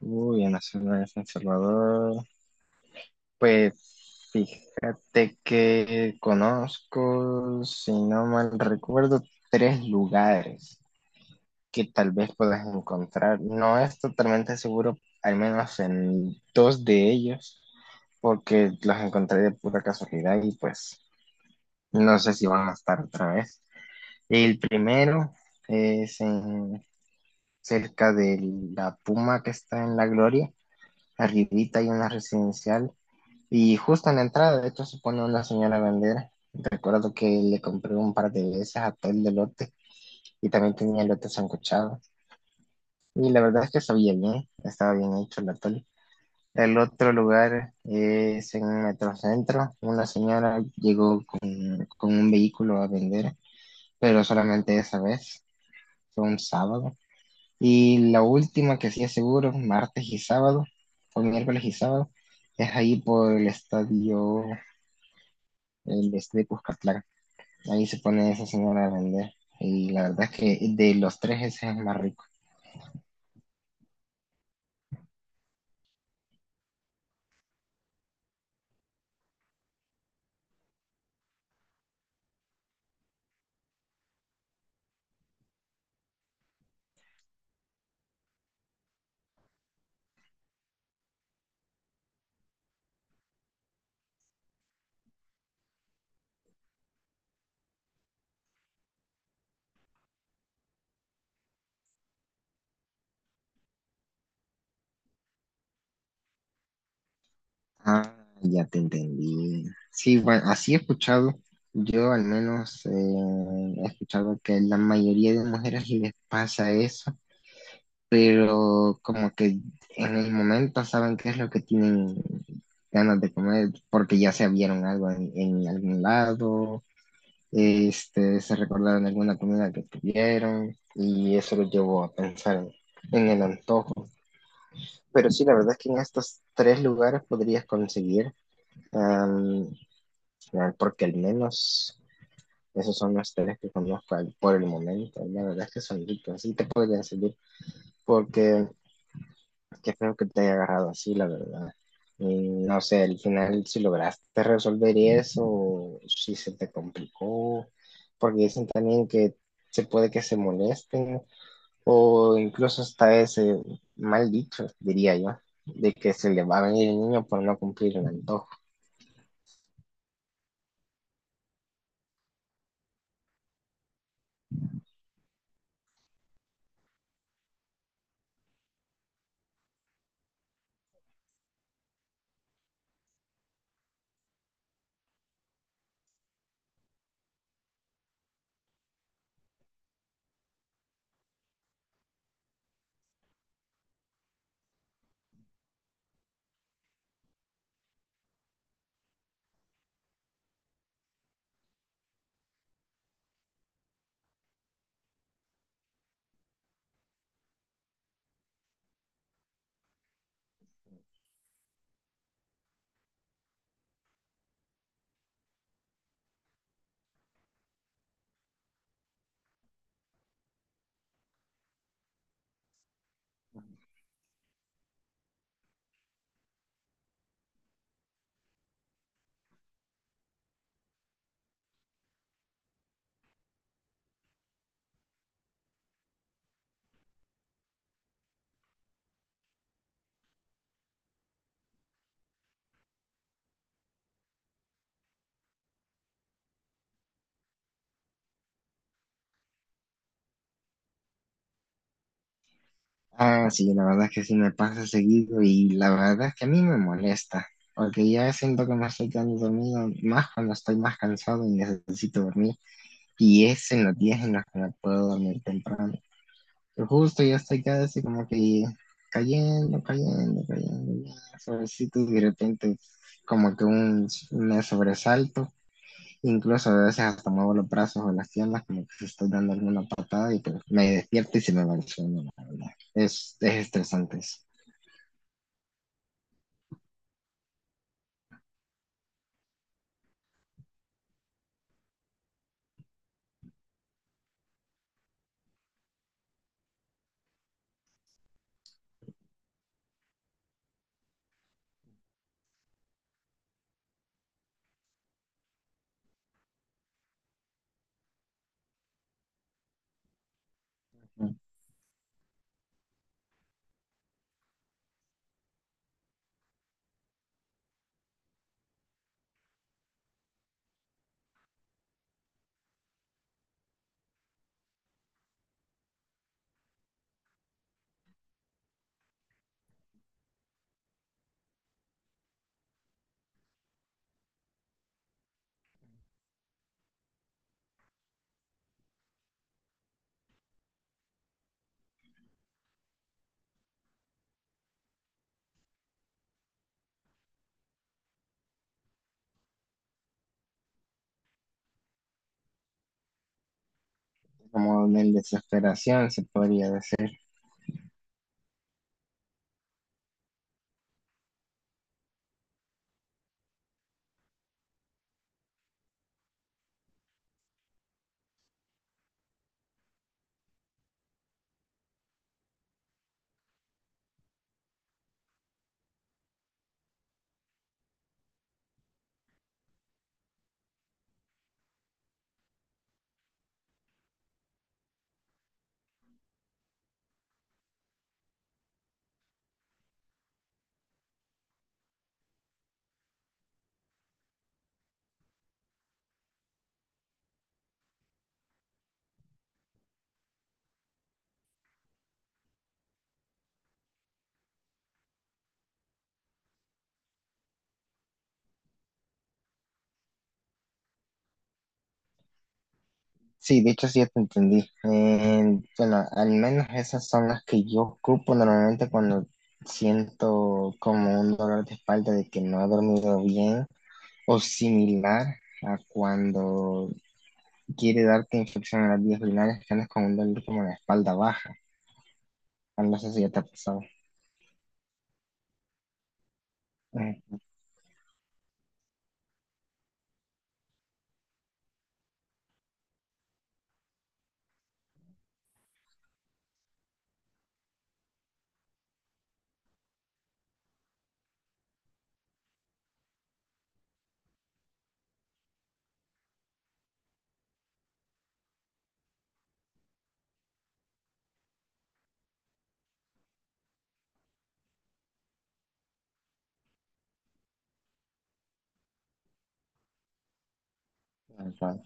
Uy, en la ciudad de San Salvador. Pues fíjate que conozco, si no mal recuerdo, tres lugares que tal vez puedas encontrar. No es totalmente seguro, al menos en dos de ellos, porque los encontré de pura casualidad y pues no sé si van a estar otra vez. El primero es en- cerca de la Puma que está en La Gloria. Arribita hay una residencial. Y justo en la entrada, de hecho, se pone una señora a vender. Recuerdo que le compré un par de veces a todo el delote y también tenía elote sancochado. Y la verdad es que sabía bien, estaba bien hecho el atole. El otro lugar es en Metrocentro. Una señora llegó con un vehículo a vender, pero solamente esa vez, fue un sábado. Y la última que sí es seguro, martes y sábado, o miércoles y sábado, es ahí por el estadio el este de Cuscatlán. Ahí se pone esa señora a vender. Y la verdad es que de los tres ese es el más rico. Ah, ya te entendí. Sí, bueno, así he escuchado. Yo al menos he escuchado que la mayoría de mujeres les pasa eso, pero como que en el momento saben qué es lo que tienen ganas de comer porque ya se vieron algo en algún lado, este, se recordaron alguna comida que tuvieron y eso los llevó a pensar en el antojo. Pero sí, la verdad es que en estos tres lugares podrías conseguir, um, porque al menos esos son los tres que conozco por el momento. La verdad es que son ricos, sí te podrían servir, porque qué feo que te haya agarrado así, la verdad. Y no sé, al final si lograste resolver eso, si se te complicó, porque dicen también que se puede que se molesten. O incluso hasta ese mal dicho, diría yo, de que se le va a venir el niño por no cumplir el antojo. Ah, sí, la verdad que sí me pasa seguido y la verdad es que a mí me molesta, porque ya siento que me estoy quedando dormido más cuando estoy más cansado y necesito dormir. Y es en los días en los que me puedo dormir temprano. Pero justo ya estoy casi como que cayendo, cayendo, cayendo, ya, suavecito y de repente como que un sobresalto. Incluso a veces hasta muevo los brazos o las piernas como que estoy dando alguna patada y pues me despierto y se me va el sueño, la verdad. Es estresante eso. Como en desesperación se podría decir. Sí, de hecho sí te entendí. Bueno, al menos esas son las que yo ocupo normalmente cuando siento como un dolor de espalda de que no he dormido bien o similar a cuando quiere darte infección en las vías urinarias que andas con un dolor como la espalda baja. No sé si ya te ha pasado. Ay, tal cual.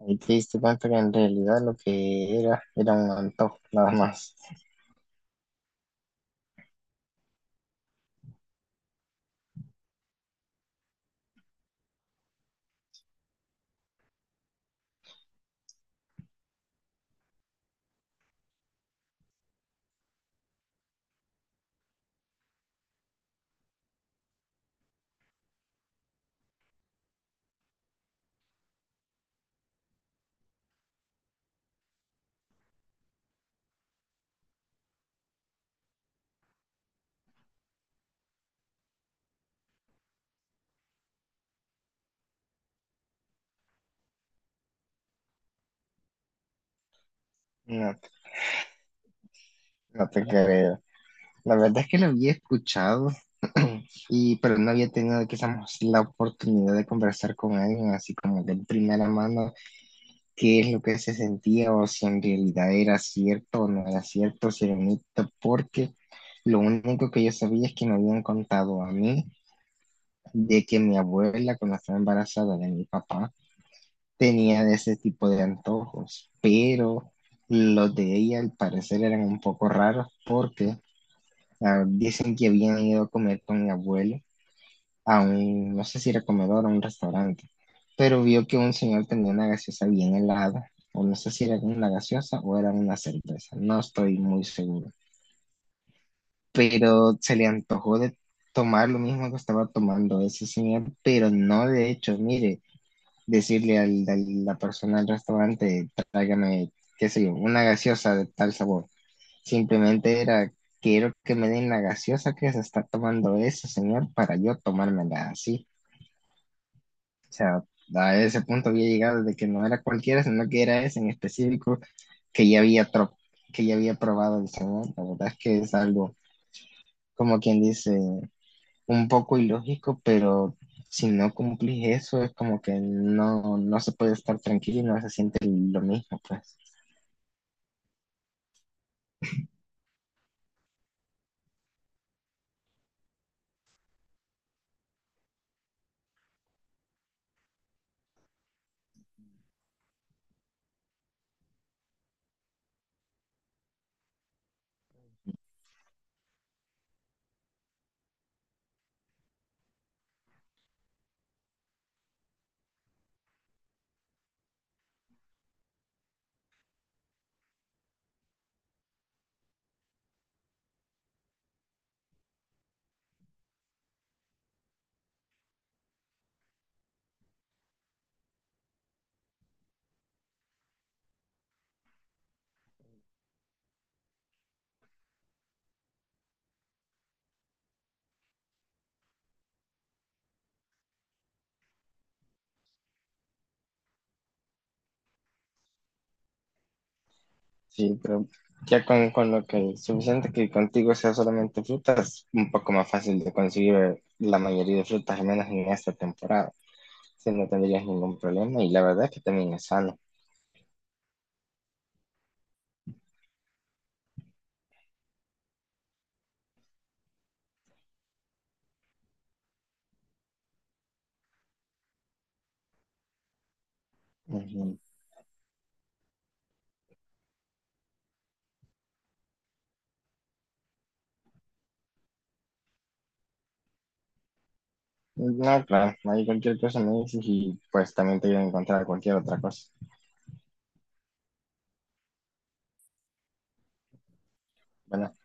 Ahí te diste cuenta que en realidad lo que era era un antojo, nada más. No, no te creo. La verdad es que lo había escuchado, y, pero no había tenido quizás la oportunidad de conversar con alguien así como de primera mano qué es lo que se sentía o si en realidad era cierto o no era cierto, si era un mito, porque lo único que yo sabía es que me habían contado a mí de que mi abuela cuando estaba embarazada de mi papá, tenían ese tipo de antojos, pero los de ella al parecer eran un poco raros porque ah, dicen que habían ido a comer con mi abuelo a un, no sé si era comedor o un restaurante, pero vio que un señor tenía una gaseosa bien helada, o no sé si era una gaseosa o era una cerveza, no estoy muy seguro, pero se le antojó de tomar lo mismo que estaba tomando ese señor, pero no de hecho, mire, decirle a la persona del restaurante, tráigame, qué sé yo, una gaseosa de tal sabor. Simplemente era, quiero que me den la gaseosa que se está tomando ese señor para yo tomármela así. O sea, a ese punto había llegado de que no era cualquiera, sino que era ese en específico que ya que ya había probado el señor. La verdad es que es algo, como quien dice, un poco ilógico, pero si no cumplís eso, es como que no, no se puede estar tranquilo y no se siente lo mismo, pues. Sí, pero ya con lo que es suficiente que contigo sea solamente frutas, un poco más fácil de conseguir la mayoría de frutas, al menos en esta temporada. Si no tendrías ningún problema y la verdad es que también es sano. Ujú. No, claro, hay cualquier cosa me dices y pues también te voy a encontrar cualquier otra cosa. Bueno.